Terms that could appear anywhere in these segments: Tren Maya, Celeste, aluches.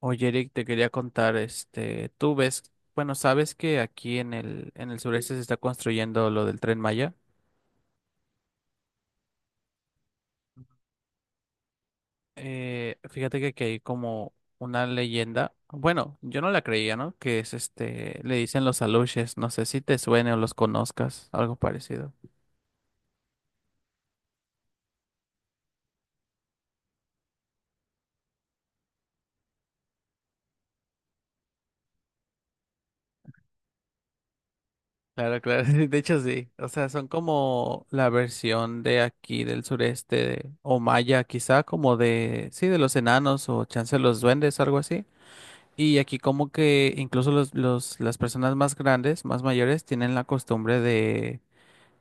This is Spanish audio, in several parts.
Oye, Eric, te quería contar, tú ves, bueno, sabes que aquí en el sureste se está construyendo lo del Tren Maya. Fíjate que aquí hay como una leyenda, bueno, yo no la creía, ¿no? Que es le dicen los aluches, no sé si te suene o los conozcas, algo parecido. Claro, claro, de hecho sí, o sea, son como la versión de aquí del sureste, o maya, quizá como de, sí, de los enanos o chance de los duendes, algo así. Y aquí como que incluso las personas más grandes, más mayores, tienen la costumbre de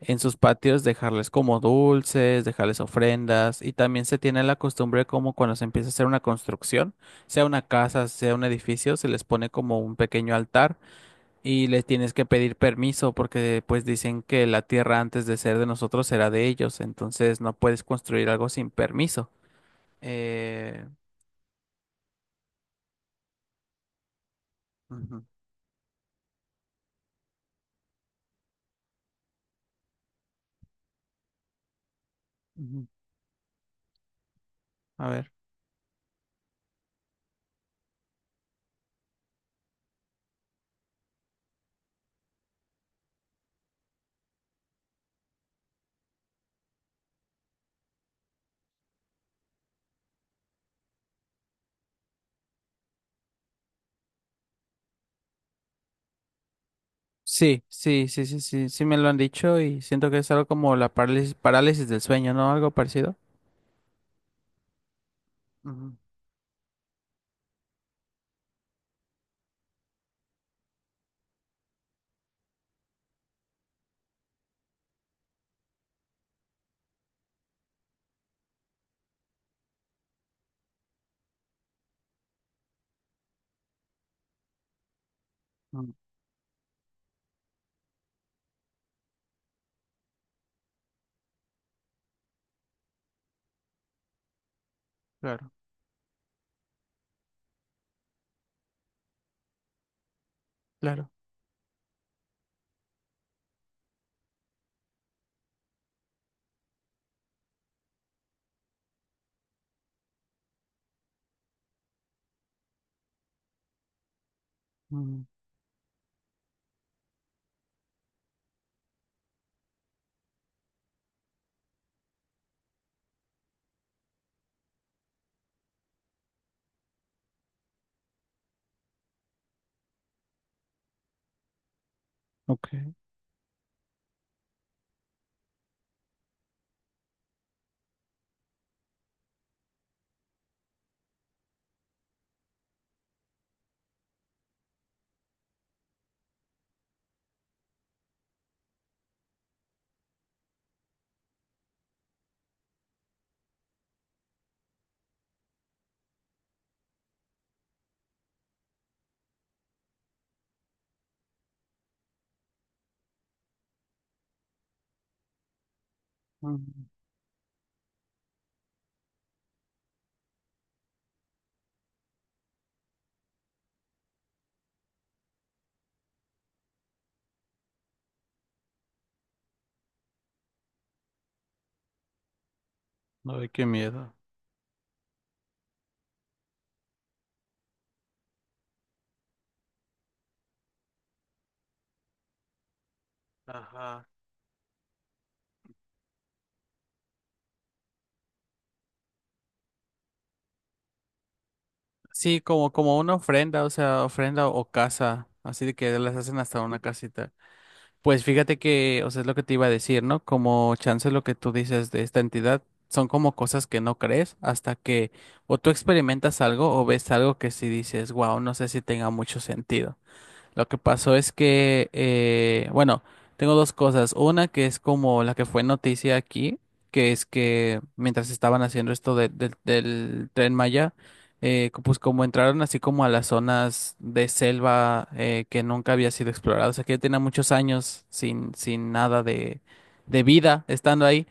en sus patios dejarles como dulces, dejarles ofrendas y también se tiene la costumbre como cuando se empieza a hacer una construcción, sea una casa, sea un edificio, se les pone como un pequeño altar y les tienes que pedir permiso porque pues dicen que la tierra antes de ser de nosotros era de ellos, entonces no puedes construir algo sin permiso. Eh, Ujú, ujú. A ver. Sí, sí, sí, sí, sí, sí me lo han dicho y siento que es algo como la parálisis, parálisis del sueño, ¿no? Algo parecido. Ujú, ujú, claro, claro. Mm, ok. Mm, ay, qué miedo. Ajá. Sí, como una ofrenda, o sea, ofrenda o casa, así de que las hacen hasta una casita. Pues fíjate que, o sea, es lo que te iba a decir, ¿no? Como chance lo que tú dices de esta entidad, son como cosas que no crees hasta que o tú experimentas algo o ves algo que sí dices, wow, no sé si tenga mucho sentido. Lo que pasó es que, bueno, tengo dos cosas. Una que es como la que fue noticia aquí, que es que mientras estaban haciendo esto del Tren Maya, pues como entraron así como a las zonas de selva que nunca había sido explorada, o sea que ya tenía muchos años sin nada de vida estando ahí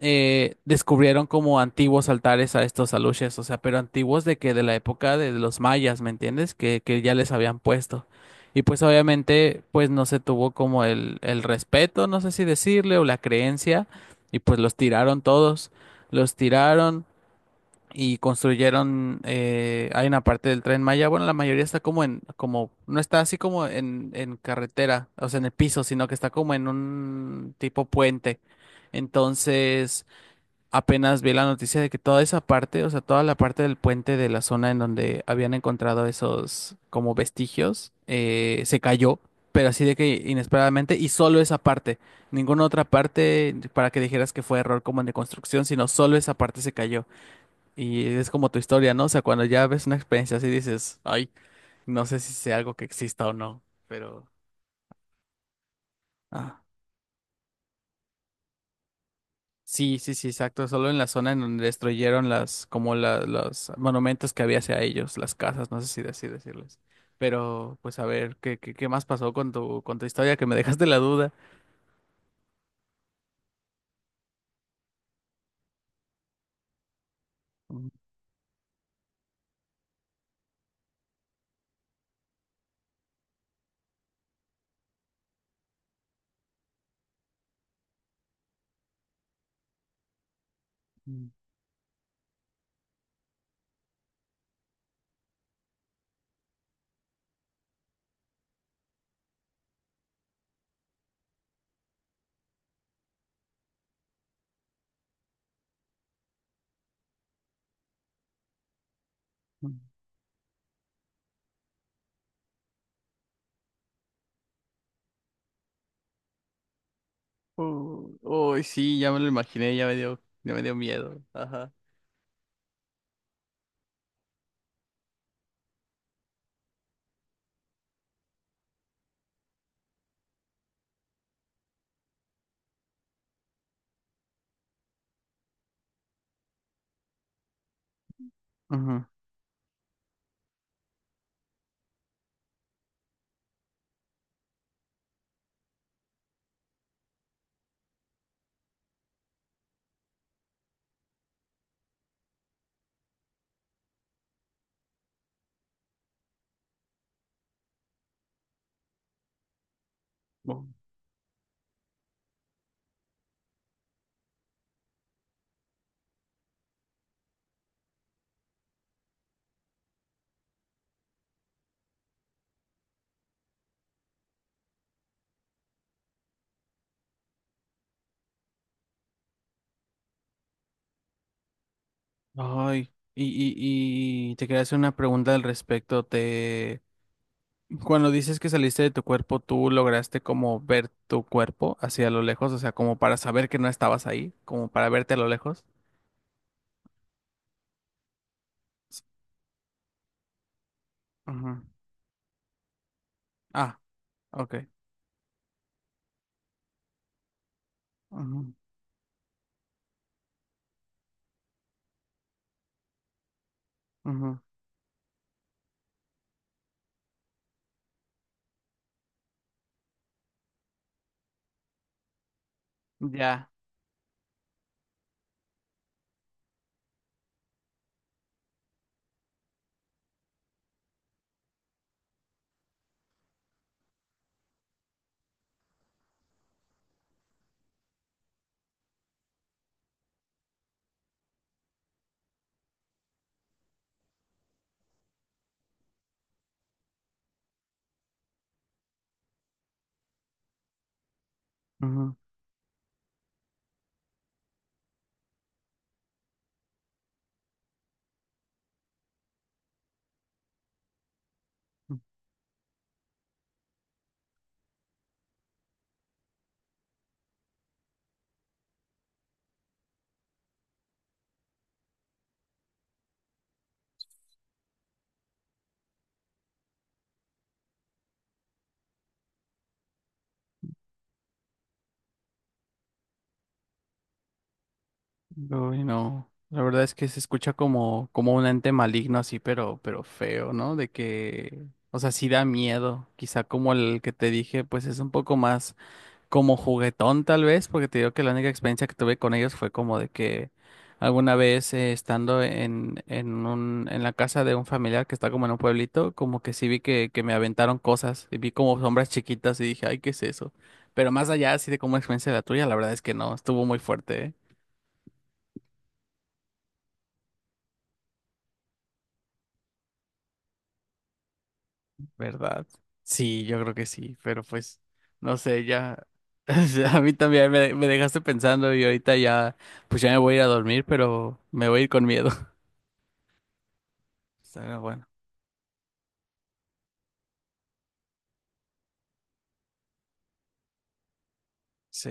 descubrieron como antiguos altares a estos aluches, o sea, pero antiguos de que de la época de los mayas, ¿me entiendes? Que ya les habían puesto. Y pues obviamente pues no se tuvo como el respeto, no sé si decirle, o la creencia, y pues los tiraron todos, los tiraron y construyeron, hay una parte del Tren Maya, bueno, la mayoría está no está así como en carretera, o sea, en el piso, sino que está como en un tipo puente. Entonces, apenas vi la noticia de que toda esa parte, o sea, toda la parte del puente de la zona en donde habían encontrado esos como vestigios, se cayó, pero así de que inesperadamente, y solo esa parte, ninguna otra parte para que dijeras que fue error como en de construcción, sino solo esa parte se cayó. Y es como tu historia, ¿no? O sea, cuando ya ves una experiencia así dices, ay, no sé si sea algo que exista o no. pero... ah. Sí, sí, sí, exacto. Solo en la zona en donde destruyeron las, como los monumentos que había hacia ellos, las casas, no sé si así decirles. Pero, pues a ver, ¿qué más pasó con tu historia? Que me dejaste la duda. Mm, mm, mm. Uy, uy, sí, ya me lo imaginé, ya me dio miedo. Ajá. Ujú. Bu- Ay, y, y te quería hacer una pregunta al respecto. Cuando dices que saliste de tu cuerpo, ¿tú lograste como ver tu cuerpo hacia lo lejos? O sea, como para saber que no estabas ahí, como para verte a lo lejos. S- Ujú. Ah, ok. Ujú, ujú. Ya. Ujú. Uy, no. La verdad es que se escucha como un ente maligno así, pero feo, ¿no? De que, o sea, sí da miedo. Quizá como el que te dije, pues es un poco más como juguetón tal vez, porque te digo que la única experiencia que tuve con ellos fue como de que alguna vez estando en la casa de un familiar que está como en un pueblito, como que sí vi que me aventaron cosas y vi como sombras chiquitas y dije, ay, ¿qué es eso? Pero más allá así de como experiencia de la tuya, la verdad es que no, estuvo muy fuerte, ¿eh? ¿Verdad? Sí, yo creo que sí, pero pues, no sé, ya, a mí también me dejaste pensando y ahorita ya, pues ya me voy a ir a dormir, pero me voy a ir con miedo. Está bueno. Sí,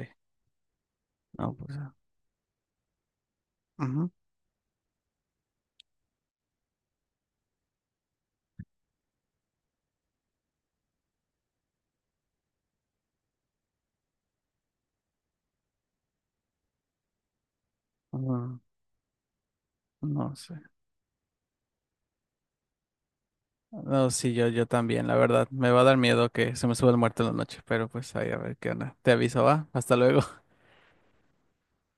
no, pues, ujú, ujú, no sé. No, sí, yo también, la verdad. Me va a dar miedo que se me suba el muerto en la noche, pero pues ahí a ver qué onda. Te aviso, va. Hasta luego.